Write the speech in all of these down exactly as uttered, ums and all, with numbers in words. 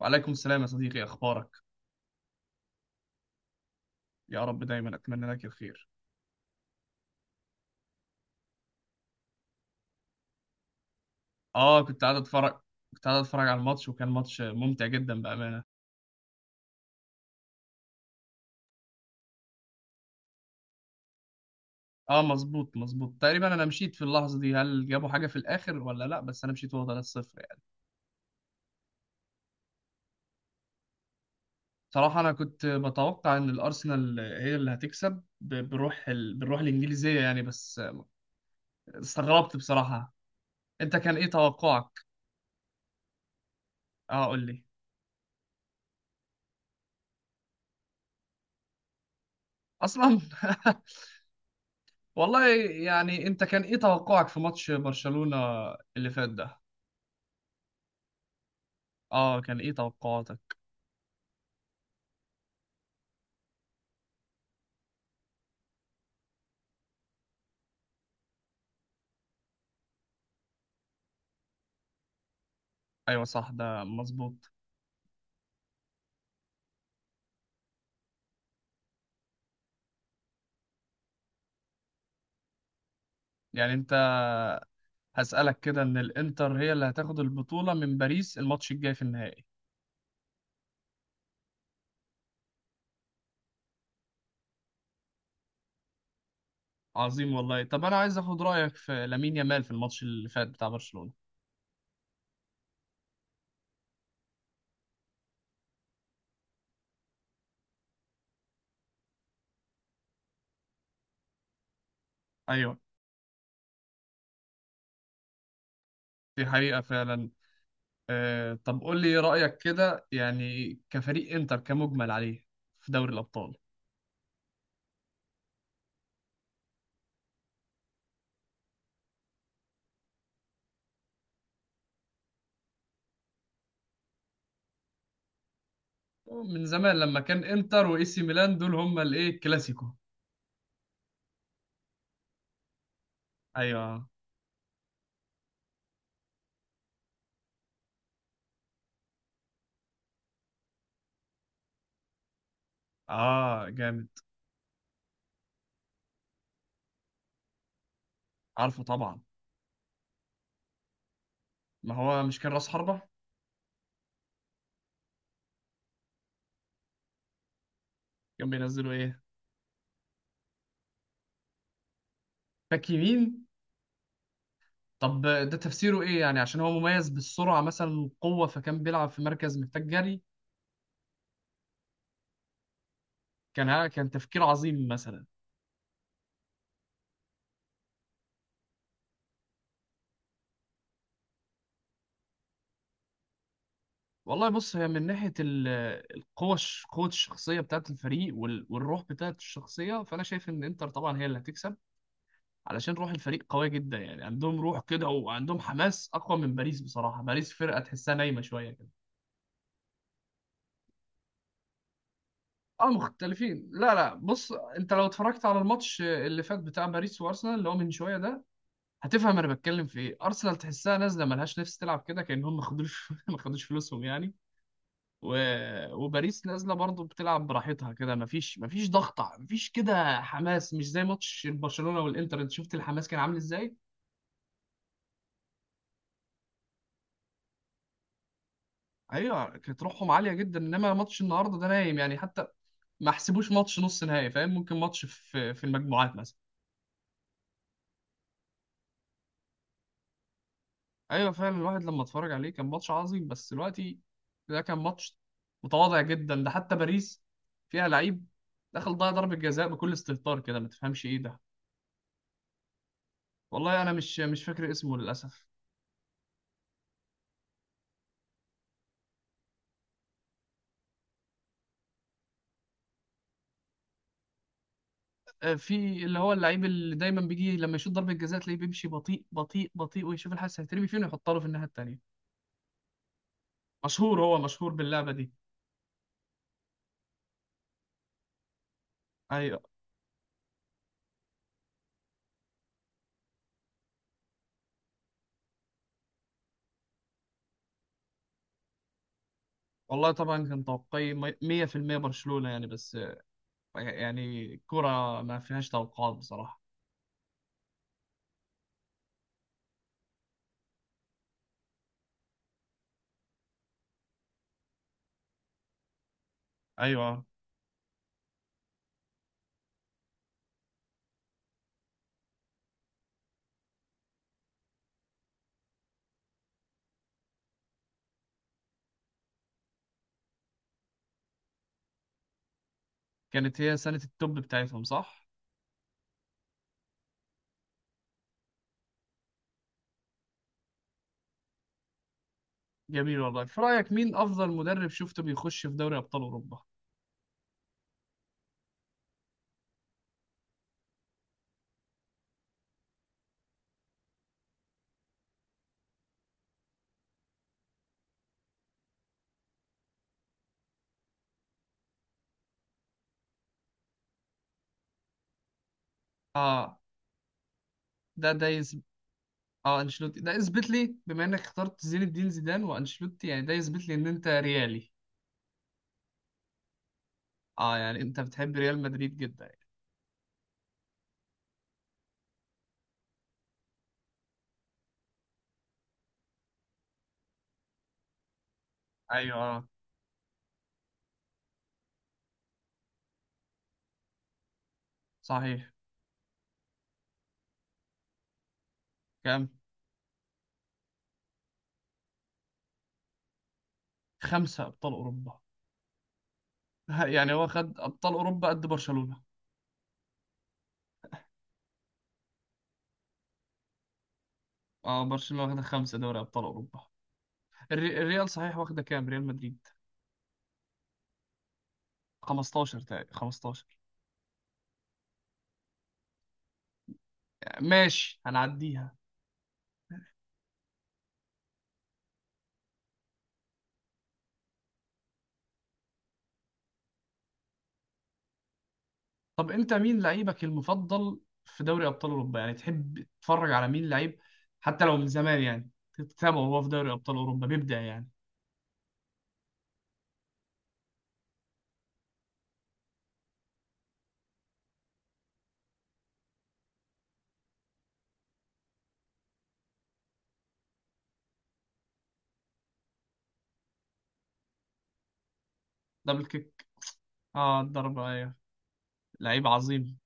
وعليكم السلام يا صديقي، اخبارك؟ يا رب دايما اتمنى لك الخير. اه كنت قاعد اتفرج، كنت قاعد اتفرج على الماتش وكان ماتش ممتع جدا بامانه. اه مظبوط، مظبوط تقريبا انا مشيت في اللحظه دي، هل جابوا حاجه في الاخر ولا لا؟ بس انا مشيت وهو ثلاثة صفر يعني. بصراحه انا كنت بتوقع ان الارسنال هي اللي هتكسب ب- بالروح ال... بالروح الانجليزيه يعني، بس استغربت بصراحه. انت كان ايه توقعك؟ اه قول لي. اصلا والله. يعني انت كان ايه توقعك في ماتش برشلونه اللي فات ده؟ اه كان ايه توقعاتك؟ ايوه صح، ده مظبوط. يعني انت، هسألك كده، ان الانتر هي اللي هتاخد البطولة من باريس الماتش الجاي في النهائي؟ عظيم والله. طب انا عايز اخد رأيك في لامين يامال في الماتش اللي فات بتاع برشلونة. ايوه. دي حقيقة فعلا. آه، طب قول لي رأيك كده، يعني كفريق انتر كمجمل عليه في دوري الابطال. من زمان لما كان انتر واي سي ميلان، دول هما الايه، الكلاسيكو. ايوه. اه جامد. عارفه طبعا. ما هو مش كان راس حربة؟ كانوا بينزلوا ايه؟ باك يمين؟ طب ده تفسيره ايه يعني؟ عشان هو مميز بالسرعه مثلا والقوه، فكان بيلعب في مركز محتاج جري. كان كان تفكير عظيم مثلا. والله بص، هي من ناحيه ال- القوه، الش- قوه الشخصيه بتاعت الفريق وال- والروح بتاعت الشخصيه، فانا شايف ان انتر طبعا هي اللي هتكسب. علشان روح الفريق قويه جدا يعني، عندهم روح كده وعندهم حماس اقوى من باريس بصراحه. باريس فرقه تحسها نايمه شويه كده. اه مختلفين، لا لا بص، انت لو اتفرجت على الماتش اللي فات بتاع باريس وارسنال اللي هو من شويه ده، هتفهم انا بتكلم في ايه. ارسنال تحسها نازله ملهاش نفس تلعب كده، كانهم ما خدوش ما خدوش فلوسهم يعني. و... وباريس نازله برضو بتلعب براحتها كده، ما فيش ما فيش ضغط، ما فيش كده حماس، مش زي ماتش برشلونه والانتر. انت شفت الحماس كان عامل ازاي؟ ايوه كانت روحهم عاليه جدا. انما ماتش النهارده ده نايم يعني، حتى ما حسبوش ماتش نص نهائي، فاهم؟ ممكن ماتش في في المجموعات مثلا. ايوه فعلا، الواحد لما اتفرج عليه كان ماتش عظيم. بس دلوقتي ده كان ماتش متواضع جدا. ده حتى باريس فيها لعيب دخل ضيع ضربة جزاء بكل استهتار كده، ما تفهمش ايه ده. والله انا مش مش فاكر اسمه للاسف. آه، في اللي هو اللعيب اللي دايما بيجي لما يشوط ضربة جزاء تلاقيه بيمشي بطيء بطيء بطيء، ويشوف الحارس هيترمي فين ويحطها له في الناحية التانية. مشهور، هو مشهور باللعبة دي. ايوه. والله طبعا كان توقعي مية في المية برشلونة يعني، بس آه، يعني كرة ما فيهاش توقعات بصراحة. ايوه كانت هي سنة التوب بتاعتهم، صح؟ جميل والله. في رأيك مين أفضل مدرب شفته بيخش في دوري أبطال أوروبا؟ آه، ده ده يثبت. آه أنشيلوتي، ده يثبت لي، بما إنك اخترت زين الدين زيدان وأنشيلوتي، يعني ده يثبت لي إن أنت ريالي. آه، يعني أنت بتحب ريال مدريد جدا يعني. أيوه آه. صحيح، كام؟ خمسة أبطال أوروبا؟ يعني هو خد أبطال أوروبا قد برشلونة. آه برشلونة واخدة خمسة دوري أبطال أوروبا. الري- الريال صحيح واخدة كام؟ ريال مدريد؟ خمسة عشر تقريبا، خمستاشر. ماشي هنعديها. طب انت مين لعيبك المفضل في دوري ابطال اوروبا؟ يعني تحب تتفرج على مين لعيب، حتى لو من زمان يعني تتابعه وهو في دوري ابطال اوروبا بيبدع يعني. دبل كيك. اه الضربة ايوه. لعيب عظيم.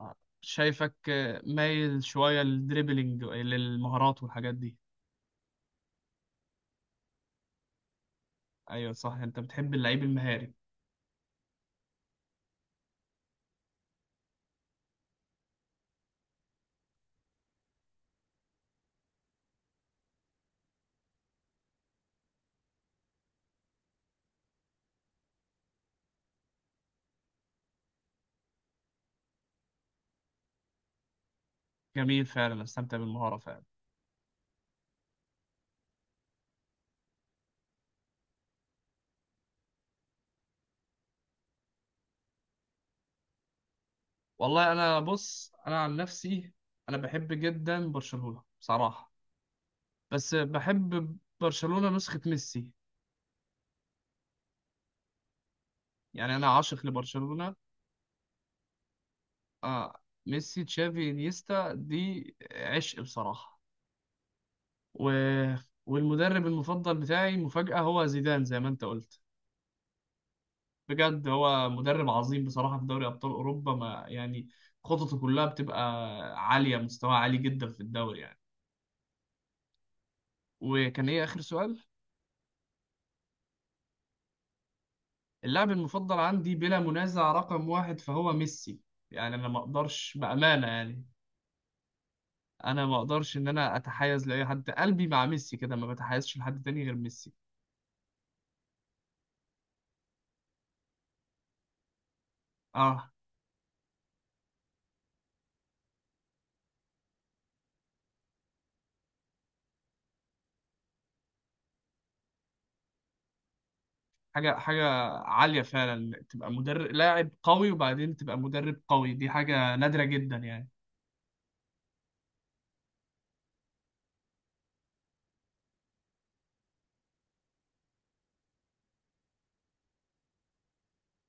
آه، شايفك آه، مايل شوية للدريبلينج، للمهارات والحاجات دي. ايوه صح، انت بتحب اللعيب المهاري. جميل، فعلا استمتع بالمهارة فعلا. والله انا بص، انا عن نفسي انا بحب جدا برشلونة بصراحة. بس بحب برشلونة نسخة ميسي. يعني انا عاشق لبرشلونة. آه، ميسي تشافي انيستا دي عشق بصراحة. و... والمدرب المفضل بتاعي مفاجأة، هو زيدان زي ما انت قلت. بجد هو مدرب عظيم بصراحة في دوري ابطال اوروبا ما يعني، خططه كلها بتبقى عالية، مستوى عالي جدا في الدوري يعني. وكان ايه اخر سؤال؟ اللاعب المفضل عندي بلا منازع رقم واحد فهو ميسي. يعني انا ما اقدرش بأمانة يعني، انا ما اقدرش ان انا اتحيز لاي حد، قلبي مع ميسي كده، ما بتحيزش لحد تاني غير ميسي. اه حاجه، حاجه عاليه فعلا، تبقى مدرب لاعب قوي وبعدين تبقى مدرب قوي، دي حاجه نادره جدا يعني.